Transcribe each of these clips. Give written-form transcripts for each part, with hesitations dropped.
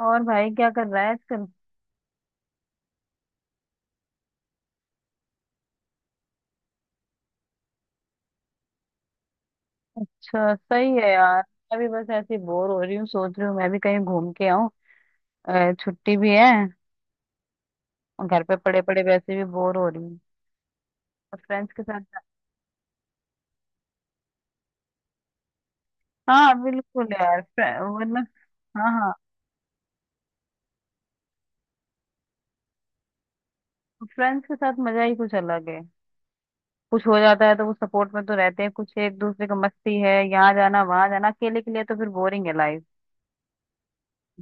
और भाई क्या कर रहा है आजकल। अच्छा सही है यार। मैं भी बस ऐसे बोर हो रही हूँ, सोच रही हूँ मैं भी कहीं घूम के आऊँ। छुट्टी भी है। और घर पे पड़े पड़े वैसे भी बोर हो रही हूँ। और फ्रेंड्स के साथ। हाँ बिल्कुल यार। वरना। हाँ हाँ। फ्रेंड्स के साथ मजा ही कुछ अलग है। कुछ हो जाता है तो वो सपोर्ट में तो रहते हैं, कुछ एक दूसरे का मस्ती है, यहाँ जाना वहां जाना। अकेले के लिए तो फिर बोरिंग है लाइफ।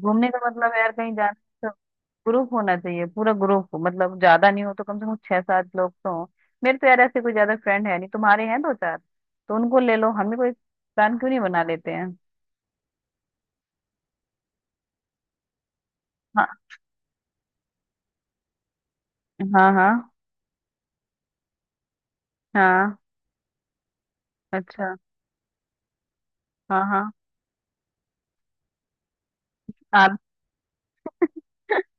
घूमने का मतलब है यार कहीं जाना। ग्रुप होना चाहिए, पूरा ग्रुप मतलब ज्यादा नहीं हो तो कम से कम छह सात लोग तो हो। मेरे तो यार ऐसे कोई ज्यादा फ्रेंड है नहीं, तुम्हारे हैं दो चार, तो उनको ले लो। हम भी कोई प्लान क्यों नहीं बना लेते हैं। हाँ हाँ। हाँ हाँ। अच्छा। हाँ हाँ। आप।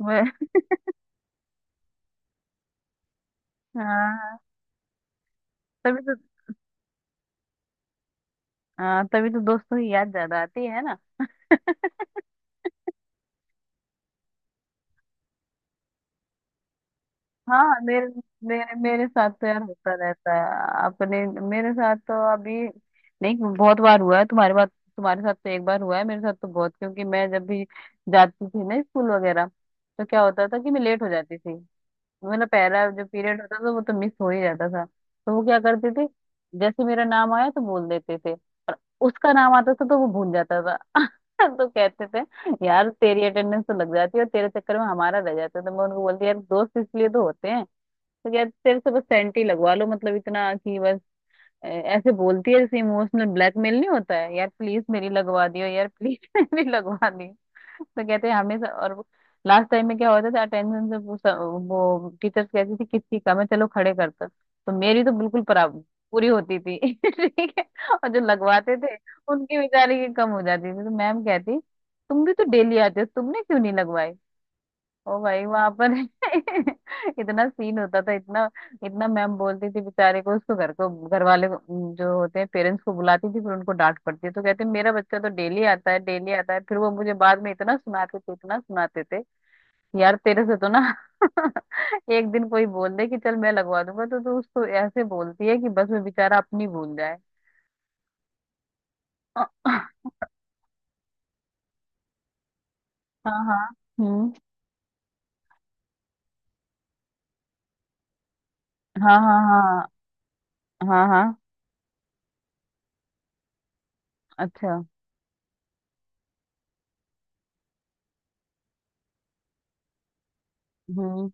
वे- हाँ हाँ, तभी तो। हाँ तभी तो दोस्तों की याद ज्यादा आती है ना। हाँ मेरे। मेरे साथ तो यार होता रहता है अपने। मेरे साथ तो अभी नहीं, बहुत बार हुआ है। तुम्हारे बात, तुम्हारे साथ तो एक बार हुआ है, मेरे साथ तो बहुत। क्योंकि मैं जब भी जाती थी ना स्कूल वगैरह, तो क्या होता था कि मैं लेट हो जाती थी। मतलब पहला जो पीरियड होता था वो तो मिस हो ही जाता था, तो वो क्या करते थे, जैसे मेरा नाम आया तो बोल देते थे। उसका नाम आता था तो वो भूल जाता था। तो कहते थे यार तेरी अटेंडेंस तो लग जाती है और तेरे चक्कर में हमारा रह जाता था। मैं उनको बोलती यार दोस्त इसलिए तो होते हैं। तो यार तेरे से बस सेंटी लगवा लो, मतलब इतना कि बस ऐसे बोलती है जैसे इमोशनल ब्लैकमेल नहीं होता है, यार प्लीज मेरी लगवा दियो, यार प्लीज मेरी लगवा दियो। तो कहते हैं हमेशा। और लास्ट टाइम में क्या होता था, अटेंशन से पूछा, वो टीचर्स कहती थी किसकी कम है, चलो खड़े करता, तो मेरी तो बिल्कुल बराबर पूरी होती थी। ठीक है। और जो लगवाते थे, उनकी बेचारे की कम हो जाती थी, तो मैम कहती तुम भी तो डेली आते हो, तुमने क्यों नहीं लगवाई। ओ भाई वहां पर इतना सीन होता था, इतना इतना। मैम बोलती थी बेचारे को, उसको घर को, घर वाले को, जो होते हैं पेरेंट्स को बुलाती थी, फिर उनको डांट पड़ती है। तो कहते मेरा बच्चा तो डेली आता है, डेली आता है। फिर वो मुझे बाद में इतना सुनाते थे, इतना सुनाते थे, यार तेरे से तो ना एक दिन कोई बोल दे कि चल मैं लगवा दूंगा, तो तू उसको ऐसे बोलती है कि बस वो बेचारा अपनी भूल जाए। हाँ। हाँ। हम्म। हाँ हाँ। हाँ हाँ। हाँ। अच्छा। हम्म।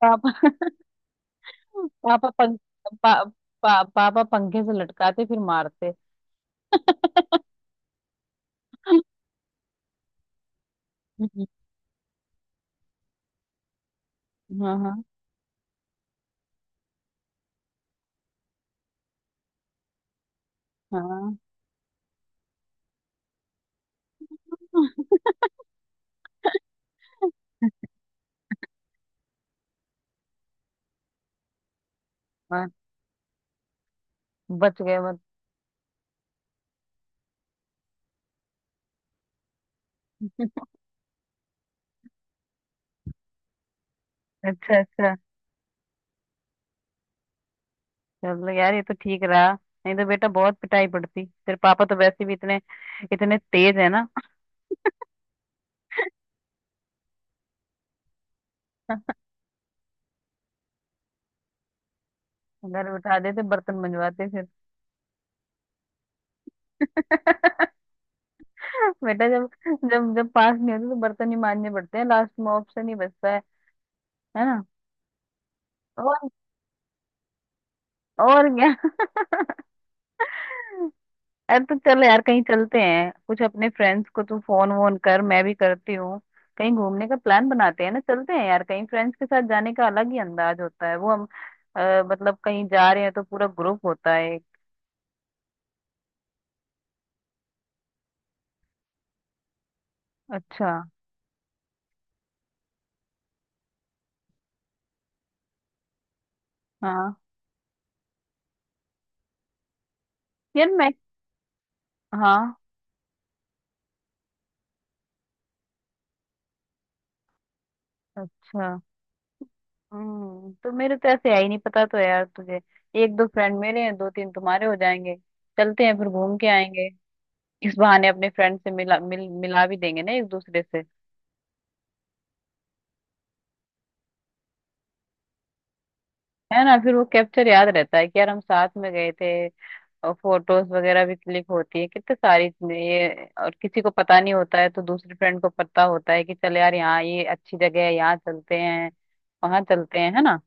पापा पापा पंख। पा, पा, पापा पंखे से लटकाते फिर मारते। हाँ हाँ। हाँ हाँ, बच गए मत। अच्छा अच्छा। चलो यार ये तो ठीक रहा, नहीं तो बेटा बहुत पिटाई पड़ती। तेरे पापा तो वैसे भी इतने इतने तेज है ना। घर बिठा देते, बर्तन मंजवाते फिर। बेटा जब जब जब पास नहीं होते तो बर्तन ही मांजने पड़ते हैं, लास्ट में ऑप्शन ही बचता है ना। और और क्या। अरे तो चल यार कहीं चलते हैं, कुछ अपने फ्रेंड्स को तू फोन वोन कर, मैं भी करती हूँ। कहीं घूमने का प्लान बनाते हैं ना, चलते हैं यार कहीं। फ्रेंड्स के साथ जाने का अलग ही अंदाज होता है वो हम। मतलब कहीं जा रहे हैं तो पूरा ग्रुप होता है। अच्छा। हाँ यार मैं। हाँ। अच्छा। तो मेरे तो ऐसे है ही नहीं पता, तो यार तुझे एक दो फ्रेंड मेरे हैं, दो तीन तुम्हारे, हो जाएंगे। चलते हैं फिर घूम के आएंगे। इस बहाने अपने फ्रेंड से मिला भी देंगे ना एक दूसरे से, है ना। फिर वो कैप्चर याद रहता है कि यार हम साथ में गए थे। और फोटोज वगैरह भी क्लिक होती है, कितने सारी चीजें ये। और किसी को पता नहीं होता है तो दूसरी फ्रेंड को पता होता है कि चल यार यहाँ ये अच्छी जगह है, यहाँ चलते हैं, वहां चलते हैं, है ना।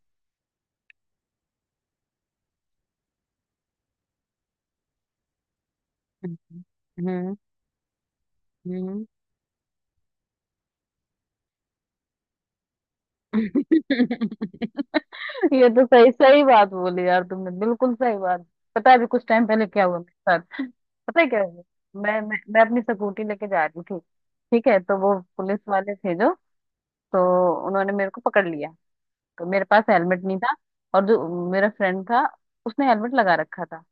हम्म। हम्म। हम्म। ये तो सही, सही बात बोली यार तुमने, बिल्कुल सही बात। पता है अभी कुछ टाइम पहले क्या हुआ मेरे साथ, पता है क्या हुआ। मैं अपनी स्कूटी लेके जा रही थी। ठीक है, तो वो पुलिस वाले थे जो, तो उन्होंने मेरे को पकड़ लिया। तो मेरे पास हेलमेट नहीं था, और जो मेरा फ्रेंड था उसने हेलमेट लगा रखा था।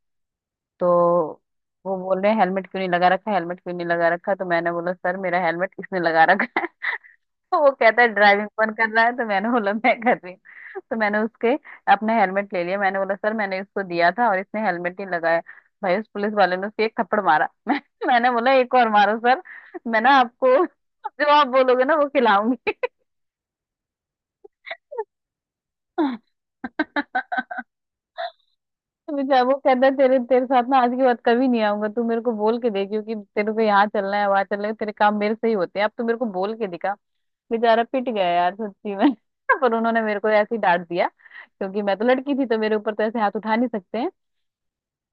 तो वो बोल रहे हैं हेलमेट क्यों नहीं लगा रखा, हेलमेट क्यों नहीं लगा रखा। तो मैंने बोला सर मेरा हेलमेट इसने लगा रखा है। तो वो कहता है ड्राइविंग कौन कर रहा है, तो मैंने बोला मैं कर रही हूँ। तो मैंने उसके अपना हेलमेट ले लिया, मैंने बोला सर मैंने इसको दिया था और इसने हेलमेट नहीं लगाया। भाई उस पुलिस वाले ने उसे एक थप्पड़ मारा। मैंने बोला एक और मारो सर, मैं ना आपको जो आप बोलोगे ना वो खिलाऊंगी। मुझे वो कहता है तेरे तेरे साथ ना आज के बाद कभी नहीं आऊंगा, तू मेरे को बोल के दे, क्योंकि तेरे को यहाँ चलना है वहां चलना है, तेरे काम मेरे से ही होते हैं, अब तू मेरे को बोल के दिखा। बेचारा पिट गया यार सच्ची में। पर उन्होंने मेरे को ऐसे ही डांट दिया, क्योंकि मैं तो लड़की थी तो मेरे ऊपर तो ऐसे हाथ उठा नहीं सकते हैं।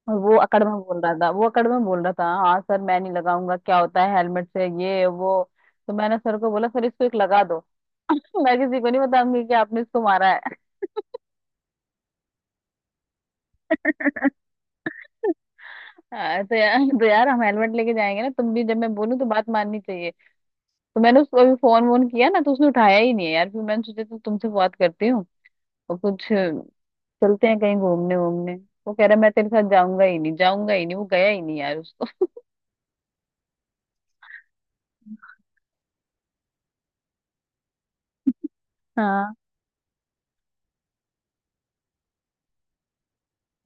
और वो अकड़ में बोल रहा था, वो अकड़ में बोल रहा था हाँ सर मैं नहीं लगाऊंगा, क्या होता है हेलमेट से, ये वो। तो मैंने सर को बोला सर इसको एक लगा दो। मैं किसी को नहीं बताऊंगी कि आपने इसको मारा है। हाँ, तो यार, तो यार हम हेलमेट लेके जाएंगे ना, तुम भी जब मैं बोलूँ तो बात माननी चाहिए। तो मैंने उसको अभी फोन वोन किया ना, तो उसने उठाया ही नहीं है यार, फिर मैंने सोचा तो तुमसे बात करती हूँ और कुछ चलते हैं कहीं घूमने वूमने। वो कह रहा मैं तेरे साथ जाऊंगा ही नहीं, जाऊंगा ही नहीं, वो गया ही नहीं यार उसको। हाँ।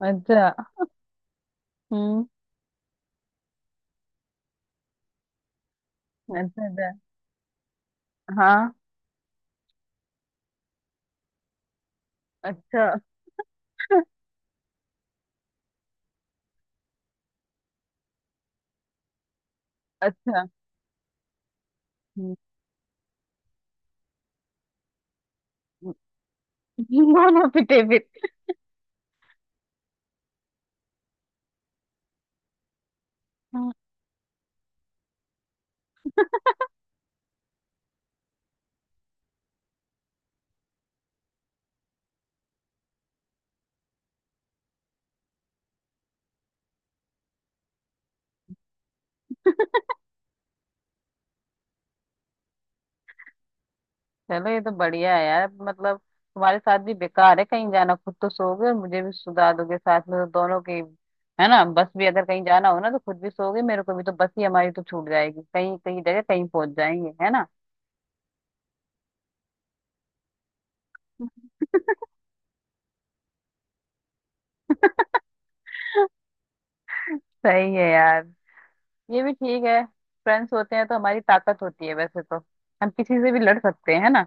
अच्छा। हम्म। अच्छा अच्छा। हाँ। अच्छा अच्छा। हम्म, दोनों पिटे फिर। चलो ये तो बढ़िया है यार, मतलब तुम्हारे साथ भी बेकार है कहीं जाना, खुद तो सोओगे और मुझे भी सुला दोगे साथ में, तो दोनों की, है ना। बस भी अगर कहीं जाना हो ना तो खुद भी सोओगे, मेरे को भी, तो बस ही हमारी तो छूट जाएगी, कहीं कहीं जगह कहीं पहुंच जाएंगे, है ना। सही है यार, ये भी ठीक है। फ्रेंड्स होते हैं तो हमारी ताकत होती है वैसे तो, हम किसी से भी लड़ सकते हैं, है ना।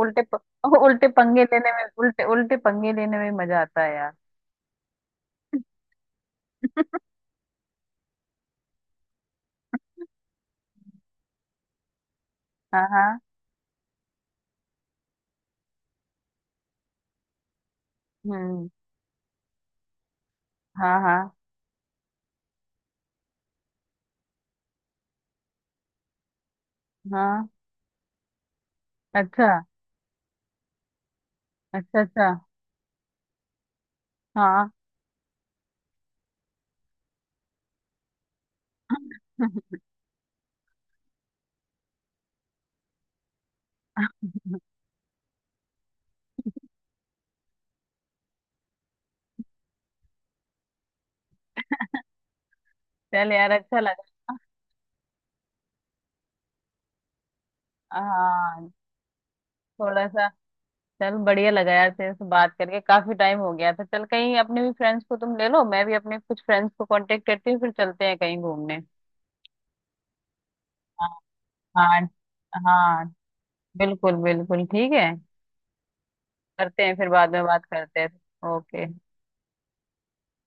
उल्टे प, उल्टे पंगे लेने में, उल्टे उल्टे पंगे लेने में मजा आता है यार। हाँ हाँ। हम्म। हाँ हाँ हाँ। अच्छा अच्छा। अच्छा हाँ। चल यार अच्छा लगा। हाँ थोड़ा सा। चल बढ़िया लगा यार, तेरे से बात करके काफी टाइम हो गया था। चल कहीं, अपने भी फ्रेंड्स को तुम ले लो, मैं भी अपने कुछ फ्रेंड्स को कांटेक्ट करती हूँ, फिर चलते हैं कहीं घूमने। हाँ हाँ हाँ। बिल्कुल बिल्कुल ठीक है। करते हैं, फिर बाद में बात करते हैं। ओके।